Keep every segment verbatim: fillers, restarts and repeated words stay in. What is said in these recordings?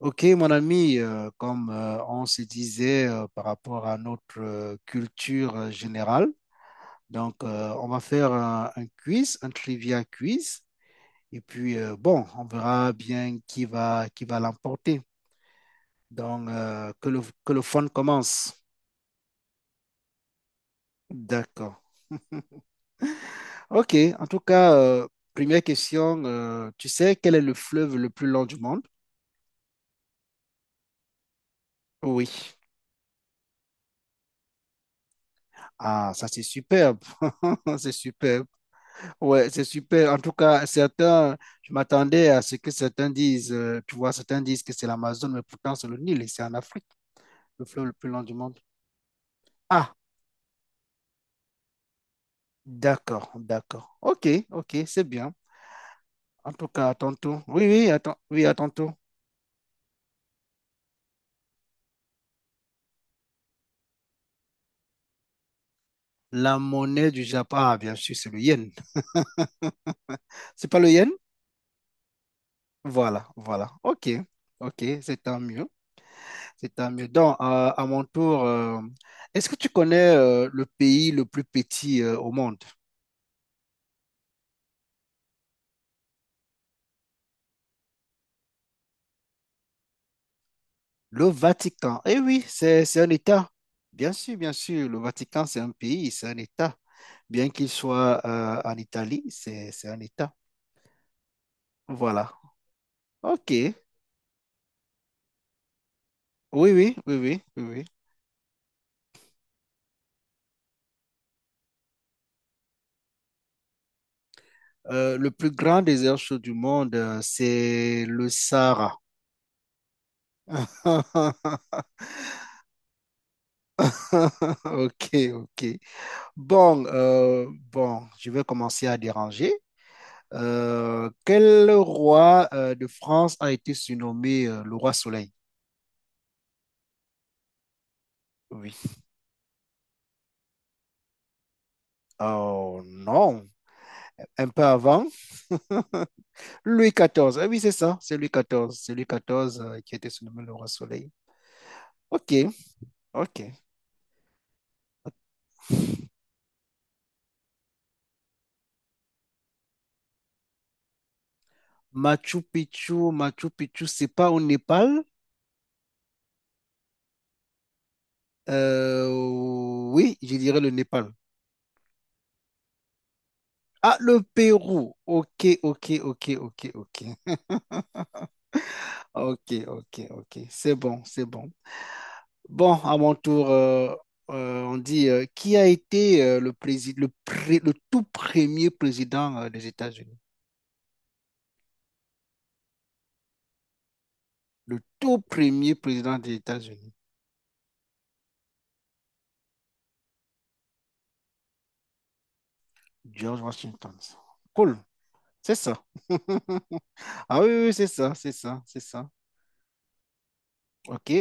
Ok, mon ami, euh, comme euh, on se disait euh, par rapport à notre euh, culture euh, générale, donc euh, on va faire un, un quiz, un trivia quiz, et puis euh, bon, on verra bien qui va qui va l'emporter. Donc euh, que le que le fun commence. D'accord. Ok. En tout cas, euh, première question. Euh, tu sais quel est le fleuve le plus long du monde? Oui. Ah, ça c'est superbe. C'est superbe. Ouais, c'est super. En tout cas, certains, je m'attendais à ce que certains disent, euh, tu vois, certains disent que c'est l'Amazone, mais pourtant c'est le Nil et c'est en Afrique, le fleuve le plus long du monde. Ah, d'accord, d'accord. Ok, ok, c'est bien. En tout cas, à tantôt. Oui, oui, attends, oui, à tantôt. La monnaie du Japon, ah, bien sûr, c'est le yen. C'est pas le yen? Voilà, voilà. Ok, ok, c'est tant mieux. C'est tant mieux. Donc, euh, à mon tour, euh, est-ce que tu connais euh, le pays le plus petit euh, au monde? Le Vatican. Eh oui, c'est, c'est un État. Bien sûr, bien sûr. Le Vatican, c'est un pays, c'est un État. Bien qu'il soit euh, en Italie, c'est, c'est un État. Voilà. OK. Oui, oui, oui, oui, oui, oui. Euh, le plus grand désert chaud du monde, euh, c'est le Sahara. Ok, ok. Bon, euh, bon, je vais commencer à déranger. Euh, quel roi euh, de France a été surnommé euh, le roi Soleil? Oui. Oh non, un peu avant. Louis quatorze. Ah oui, c'est ça, c'est Louis quatorze. C'est Louis quatorze euh, qui a été surnommé le roi soleil. Ok, ok. Machu Picchu, Machu Picchu, c'est pas au Népal? Euh, oui, je dirais le Népal. Ah, le Pérou. Ok, ok, ok, ok, ok. Ok, ok, ok. C'est bon, c'est bon. Bon, à mon tour, euh, euh, on dit euh, qui a été euh, le président, le, pré- le tout premier président euh, des États-Unis? Le tout premier président des États-Unis, George Washington. Cool, c'est ça. Ah oui, oui, oui, c'est ça, c'est ça, c'est ça. Ok,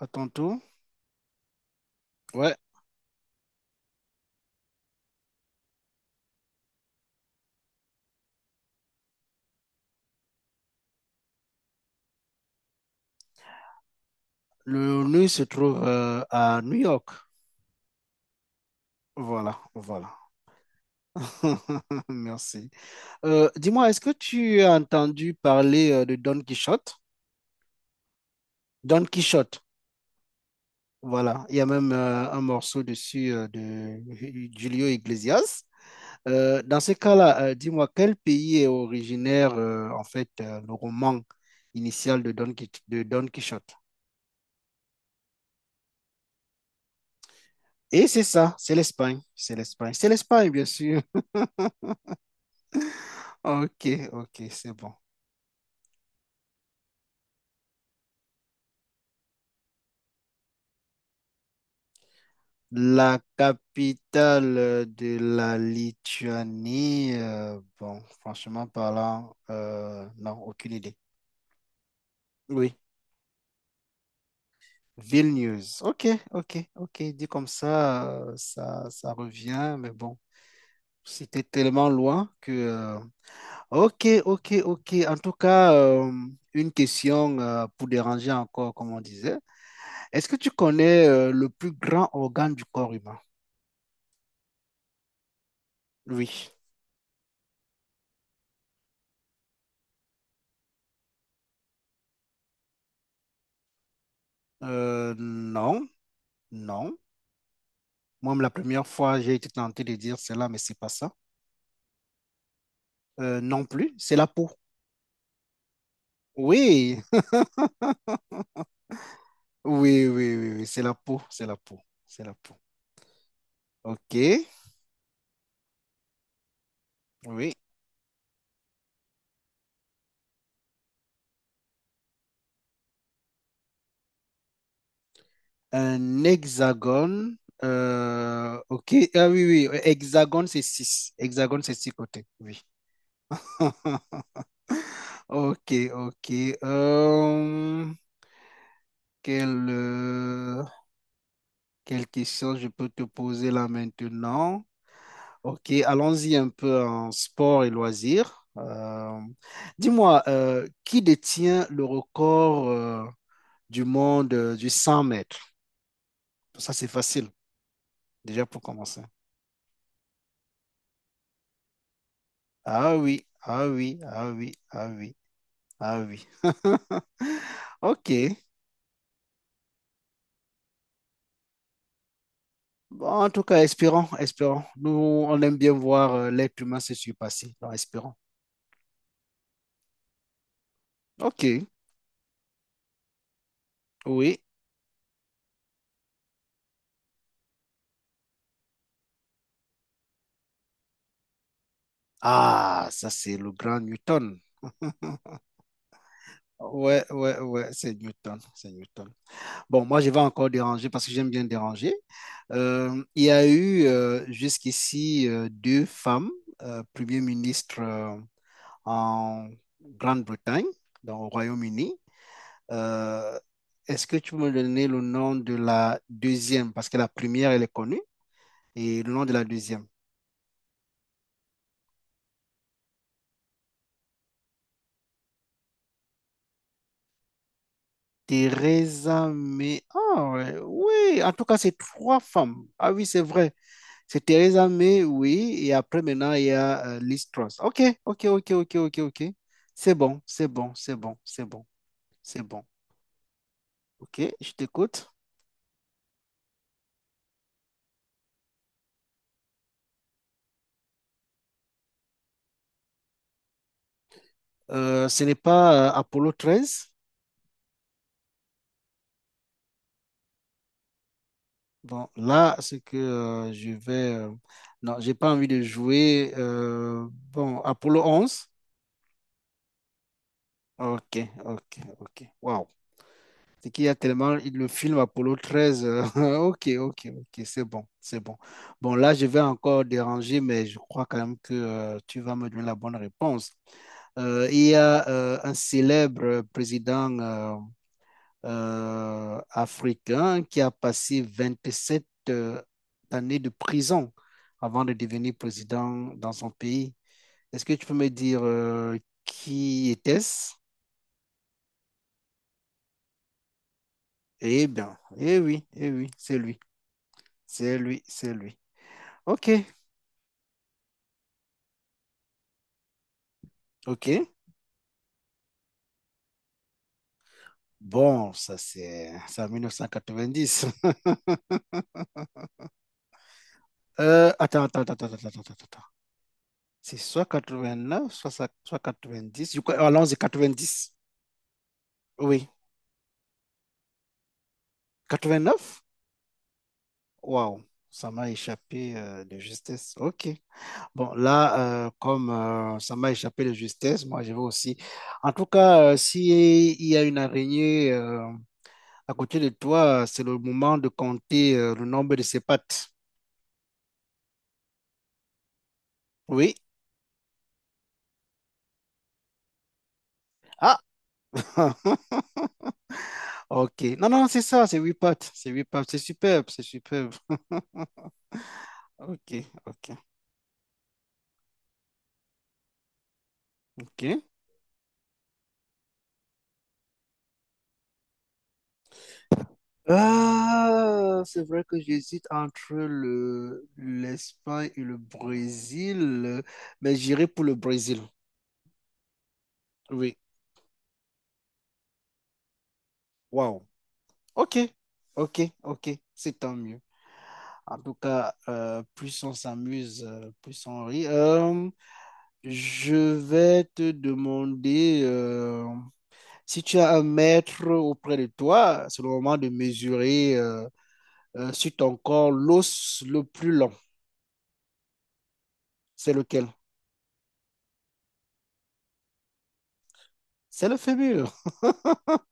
à ton tour. Ouais, le nœud se trouve euh, à New York. Voilà, voilà. Merci. Euh, dis-moi, est-ce que tu as entendu parler euh, de Don Quichotte? Don Quichotte, voilà. Il y a même euh, un morceau dessus euh, de Julio Iglesias. Euh, dans ce cas-là, euh, dis-moi, quel pays est originaire, euh, en fait, euh, le roman initial de Don, Quich- de Don Quichotte? Et c'est ça, c'est l'Espagne, c'est l'Espagne, c'est l'Espagne, bien sûr. Ok, ok, c'est bon. La capitale euh, de la Lituanie, euh, bon, franchement parlant, euh, non, aucune idée. Oui, Vilnius. Ok, ok, ok, dit comme ça, euh, ça, ça revient, mais bon, c'était tellement loin que... euh, ok, ok, ok. En tout cas, euh, une question euh, pour déranger encore, comme on disait. Est-ce que tu connais euh, le plus grand organe du corps humain? Oui. Euh, non, non. Moi, la première fois, j'ai été tenté de dire cela, mais c'est pas ça. Euh, non plus, c'est la peau. Oui, oui, oui, oui, oui, c'est la peau, c'est la peau, c'est la peau. Ok, oui. Un hexagone. Euh, ok, ah oui, oui, hexagone, c'est six. Hexagone, c'est six côtés. Oui. Ok, ok. Euh, quelle, euh, quelle question je peux te poser là maintenant? Ok, allons-y un peu en sport et loisirs. Euh, dis-moi, euh, qui détient le record euh, du monde euh, du cent mètres? Ça, c'est facile, déjà pour commencer. Ah oui, ah oui, ah oui, ah oui, ah oui. Ok, bon, en tout cas, espérons, espérons. Nous, on aime bien voir euh, l'être humain se surpasser. Donc, espérons. OK, oui. Ah, ça, c'est le grand Newton. Ouais, ouais, ouais, c'est Newton, c'est Newton. Bon, moi, je vais encore déranger parce que j'aime bien déranger. Euh, il y a eu euh, jusqu'ici euh, deux femmes, euh, premières ministres euh, en Grande-Bretagne, dans au Royaume-Uni. Euh, est-ce que tu peux me donner le nom de la deuxième? Parce que la première, elle est connue. Et le nom de la deuxième. Teresa May. Ah, ouais, oui, en tout cas, c'est trois femmes. Ah oui, c'est vrai. C'est Teresa May, oui. Et après, maintenant, il y a euh, Liz Truss. OK, OK, OK, OK, OK, OK. C'est bon, c'est bon, c'est bon, c'est bon, c'est bon. OK, je t'écoute. Euh, ce n'est pas euh, Apollo treize? Bon, là, ce que euh, je vais... euh, non, j'ai pas envie de jouer. Euh, bon, Apollo onze. OK, OK, OK. Wow. C'est qu'il y a tellement il- le film Apollo treize. Euh, ok, ok, ok, c'est bon, c'est bon. Bon, là, je vais encore déranger, mais je crois quand même que euh, tu vas me donner la bonne réponse. Euh, il y a euh, un célèbre président euh, euh, africain qui a passé vingt-sept euh, années de prison avant de devenir président dans son pays. Est-ce que tu peux me dire euh, qui était-ce? Eh bien, eh oui, eh oui, c'est lui, c'est lui, c'est lui. Ok, ok. Bon, ça c'est c'est en mille neuf cent quatre-vingt-dix. Euh, attends, attends, attends, attends, attends, attends, attends, attends. C'est soit quatre-vingt-neuf, soit, ça- soit quatre-vingt-dix. Je crois, allons-y, dix. Oui. Quatre-vingt-neuf. Waouh, ça m'a échappé euh, de justesse. Ok. Bon, là, euh, comme euh, ça m'a échappé de justesse, moi je vais aussi. En tout cas, euh, si il y a une araignée euh, à côté de toi, c'est le moment de compter euh, le nombre de ses pattes. Oui. Ah, ok. Non, non, c'est ça, c'est huit pattes, c'est huit pattes, c'est superbe, c'est superbe. Ok, ok, ok. Ah, c'est vrai que j'hésite entre le l'Espagne et le Brésil, mais j'irai pour le Brésil. Oui. Waouh. Ok, ok, ok. C'est tant mieux. En tout cas, euh, plus on s'amuse, euh, plus on rit. Euh, je vais te demander. euh, Si tu as un mètre auprès de toi, c'est le moment de mesurer euh, euh, sur ton corps l'os le plus long. C'est lequel? C'est le fémur.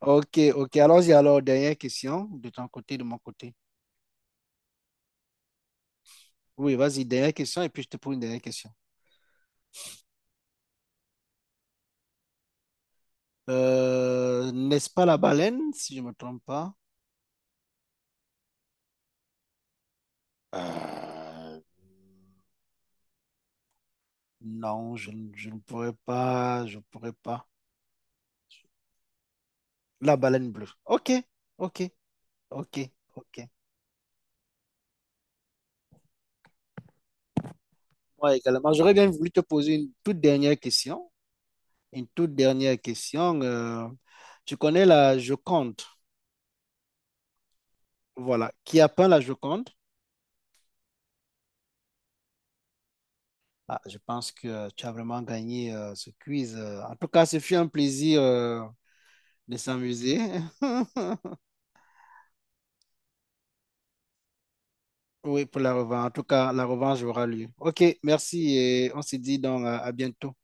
Ok, ok. Allons-y alors. Dernière question de ton côté, de mon côté. Oui, vas-y, dernière question et puis je te pose une dernière question. Euh, n'est-ce pas la baleine, si je ne me trompe pas? Euh, non, je, ne je ne pourrais pas, je pourrais pas. La baleine bleue. Ok, ok, ok, ok. Moi également, j'aurais bien voulu te poser une toute dernière question. Une toute dernière question. Euh, tu connais la Joconde, voilà. Qui a peint la Joconde? Ah, je pense que tu as vraiment gagné euh, ce quiz. euh. En tout cas, ce fut un plaisir euh, de s'amuser. Oui, pour la revanche. En tout cas, la revanche aura lieu. OK, merci et on se dit donc euh, à bientôt.